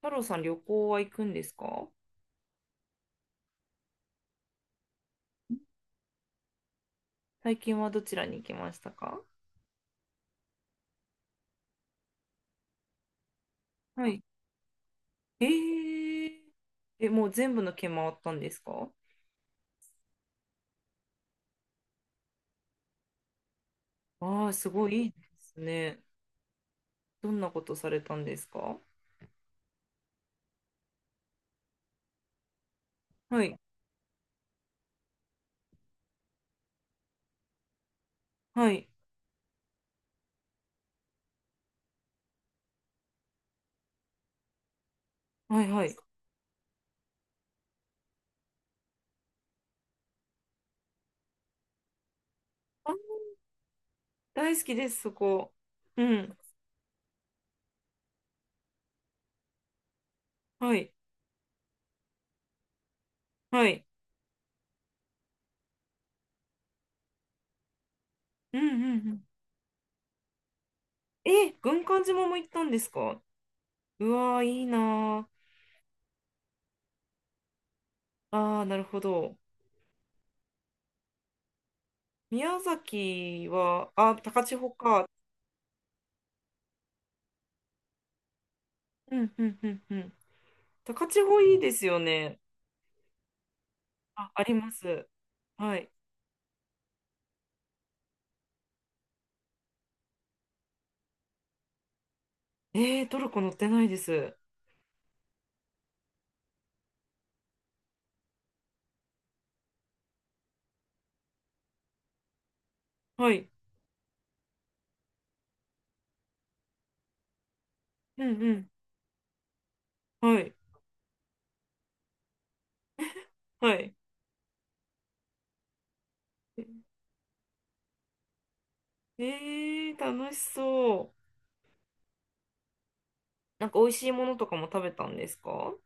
太郎さん、旅行は行くんですか？最近はどちらに行きましたか？はい。えー、え、もう全部の県回ったんですか？ああー、すごいいいですね。どんなことされたんですか？はい、はい、はい、はい。あ、大好きです、そこ。うん、はい、はい。うん、うん、うん。え、軍艦島も行ったんですか？うわー、いいなー。ああ、なるほど。宮崎は、あ、高千穂か。うん、うん、うん、うん。高千穂いいですよね。あ、あります。はい。トルコ乗ってないです。はい。うんうん。はい。はい。えー、楽しそう。なんか美味しいものとかも食べたんですか？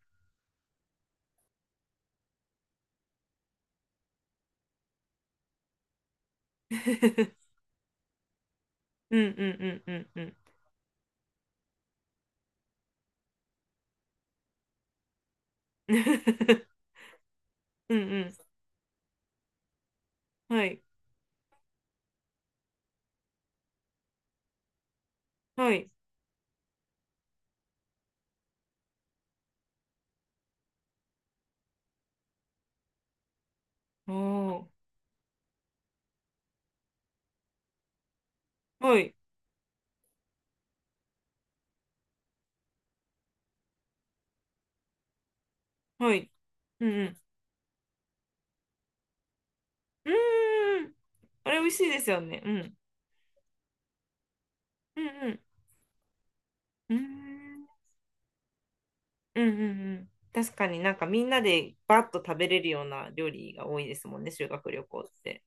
うんうんうんうんうん。うんうん。はい。はい。あー。はい。はい。うんうん。うーん。あれ美味しいですよね。うん。うんうん。うーん。うんうんうん。確かになんかみんなでバッと食べれるような料理が多いですもんね、修学旅行って。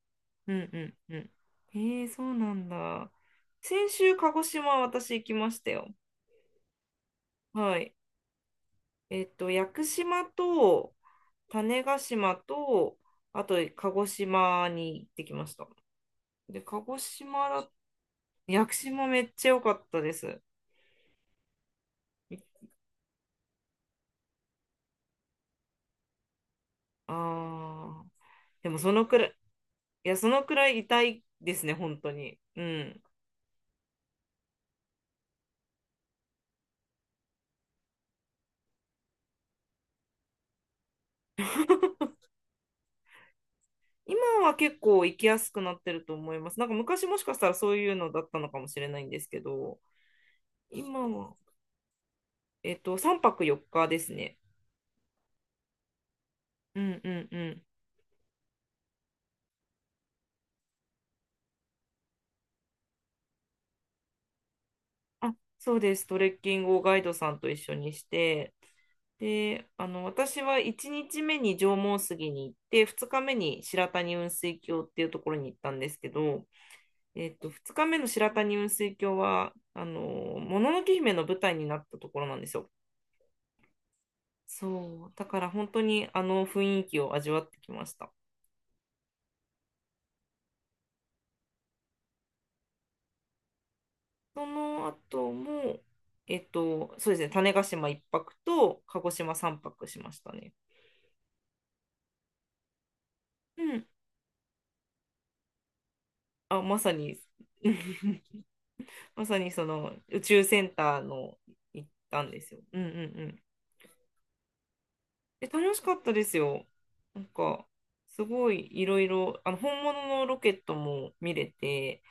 うんうんうん。えー、そうなんだ。先週、鹿児島私行きましたよ。はい。屋久島と種子島と、あと鹿児島に行ってきました。で、鹿児島だ、屋久島めっちゃ良かったです。いあー、でもそのくらい、いや、そのくらい痛いですね、本当に。うん。今は結構行きやすくなってると思います。なんか昔もしかしたらそういうのだったのかもしれないんですけど、今は、3泊4日ですね。うんうんうん。あ、そうです。トレッキングをガイドさんと一緒にして、で、私は1日目に縄文杉に行って、2日目に白谷雲水峡っていうところに行ったんですけど、2日目の白谷雲水峡は、もののけ姫の舞台になったところなんですよ。そう、だから本当にあの雰囲気を味わってきました。その後も、そうですね、種子島一泊と鹿児島三泊しましたね。うん。あ、まさに、まさにその宇宙センターの行ったんですよ。うんうんうん。え、楽しかったですよ。なんか、すごいいろいろ、本物のロケットも見れて、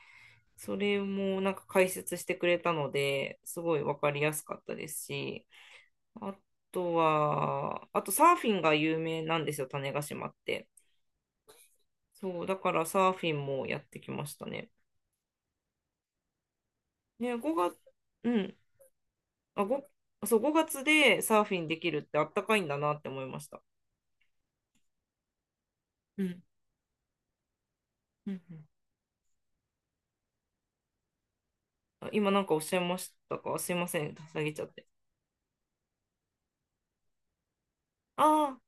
それもなんか解説してくれたので、すごいわかりやすかったですし、あとは、あとサーフィンが有名なんですよ、種子島って。そう、だからサーフィンもやってきましたね。ね、5月、うん、あ、そう、5月でサーフィンできるってあったかいんだなって思いました。うん。うんうん。あ、今なんかおっしゃいましたか？すいません、下げちゃって。ああ、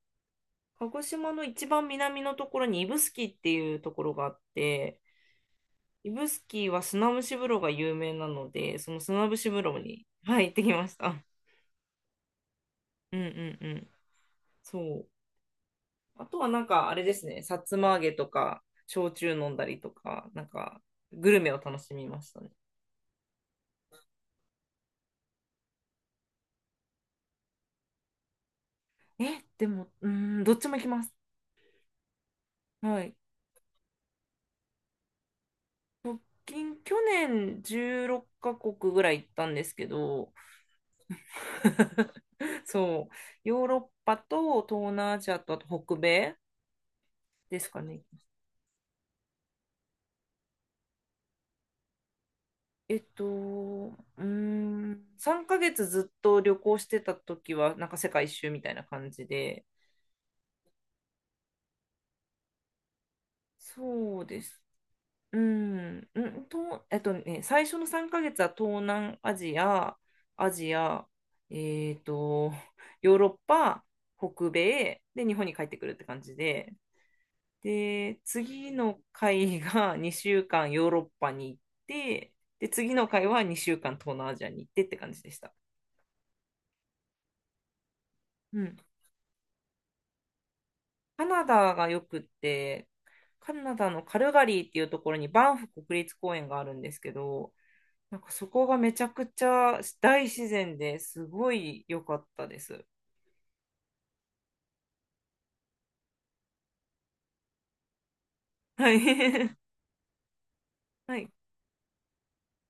鹿児島の一番南のところに指宿っていうところがあって、指宿は砂蒸し風呂が有名なので、その砂蒸し風呂に、はい、行ってきました。うんうんうん。そう。あとはなんかあれですね、さつま揚げとか、焼酎飲んだりとか、なんかグルメを楽しみましたね。え、でも、うーん、どっちも行きます。はい。直近、去年16カ国ぐらい行ったんですけど、そう、ヨーロッパと東南アジアとあと北米ですかね。うーん、3ヶ月ずっと旅行してた時は、なんか世界一周みたいな感じで、そうです。うん、最初の3ヶ月は東南アジア、アジア、えっと、ヨーロッパ、北米、で、日本に帰ってくるって感じで、で、次の回が2週間ヨーロッパに行って、で、次の回は2週間東南アジアに行ってって感じでした。うん。カナダがよくって、カナダのカルガリーっていうところにバンフ国立公園があるんですけど、なんかそこがめちゃくちゃ大自然ですごい良かったです。はい。はい。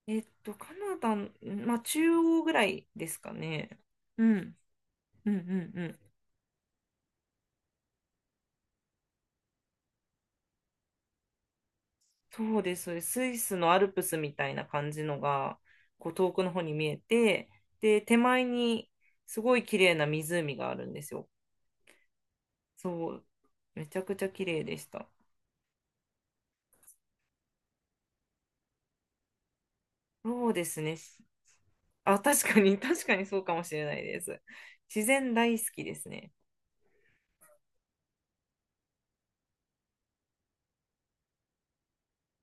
カナダの、まあ、中央ぐらいですかね。うん。うんうんうん。そうです。そうです、スイスのアルプスみたいな感じのが、こう遠くの方に見えて、で、手前にすごい綺麗な湖があるんですよ。そう。めちゃくちゃ綺麗でした。そうですね。あ、確かに、確かにそうかもしれないです。自然大好きですね。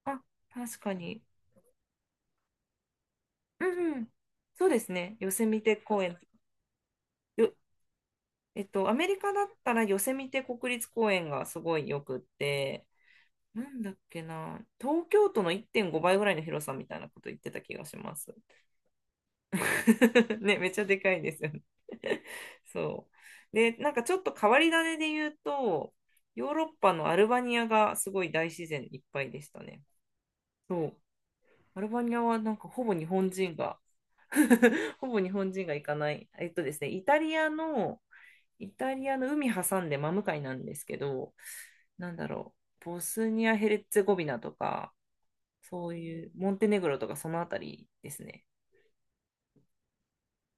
あ、確かに。うんうん。そうですね。ヨセミテ公園。よ、えっと、アメリカだったらヨセミテ国立公園がすごいよくって、なんだっけな、東京都の1.5倍ぐらいの広さみたいなこと言ってた気がします。ね、めっちゃでかいですよね。そう。で、なんかちょっと変わり種で言うと、ヨーロッパのアルバニアがすごい大自然いっぱいでしたね。そう。アルバニアはなんかほぼ日本人が ほぼ日本人が行かない。えっとですね、イタリアの海挟んで真向かいなんですけど、なんだろう、ボスニア・ヘレッツェゴビナとか、そういう、モンテネグロとかそのあたりですね。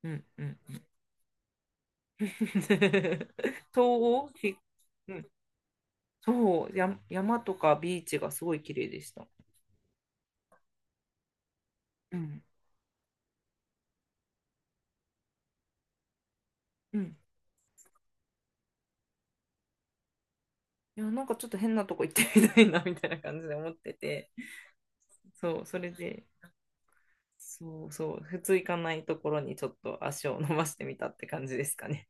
うんうん。東欧、ひうん、そう、や、山とかビーチがすごい綺麗でした。うん。うん。いや、なんかちょっと変なとこ行ってみたいな、みたいな感じで思ってて、そう、それで。そうそう、普通行かないところにちょっと足を伸ばしてみたって感じですかね。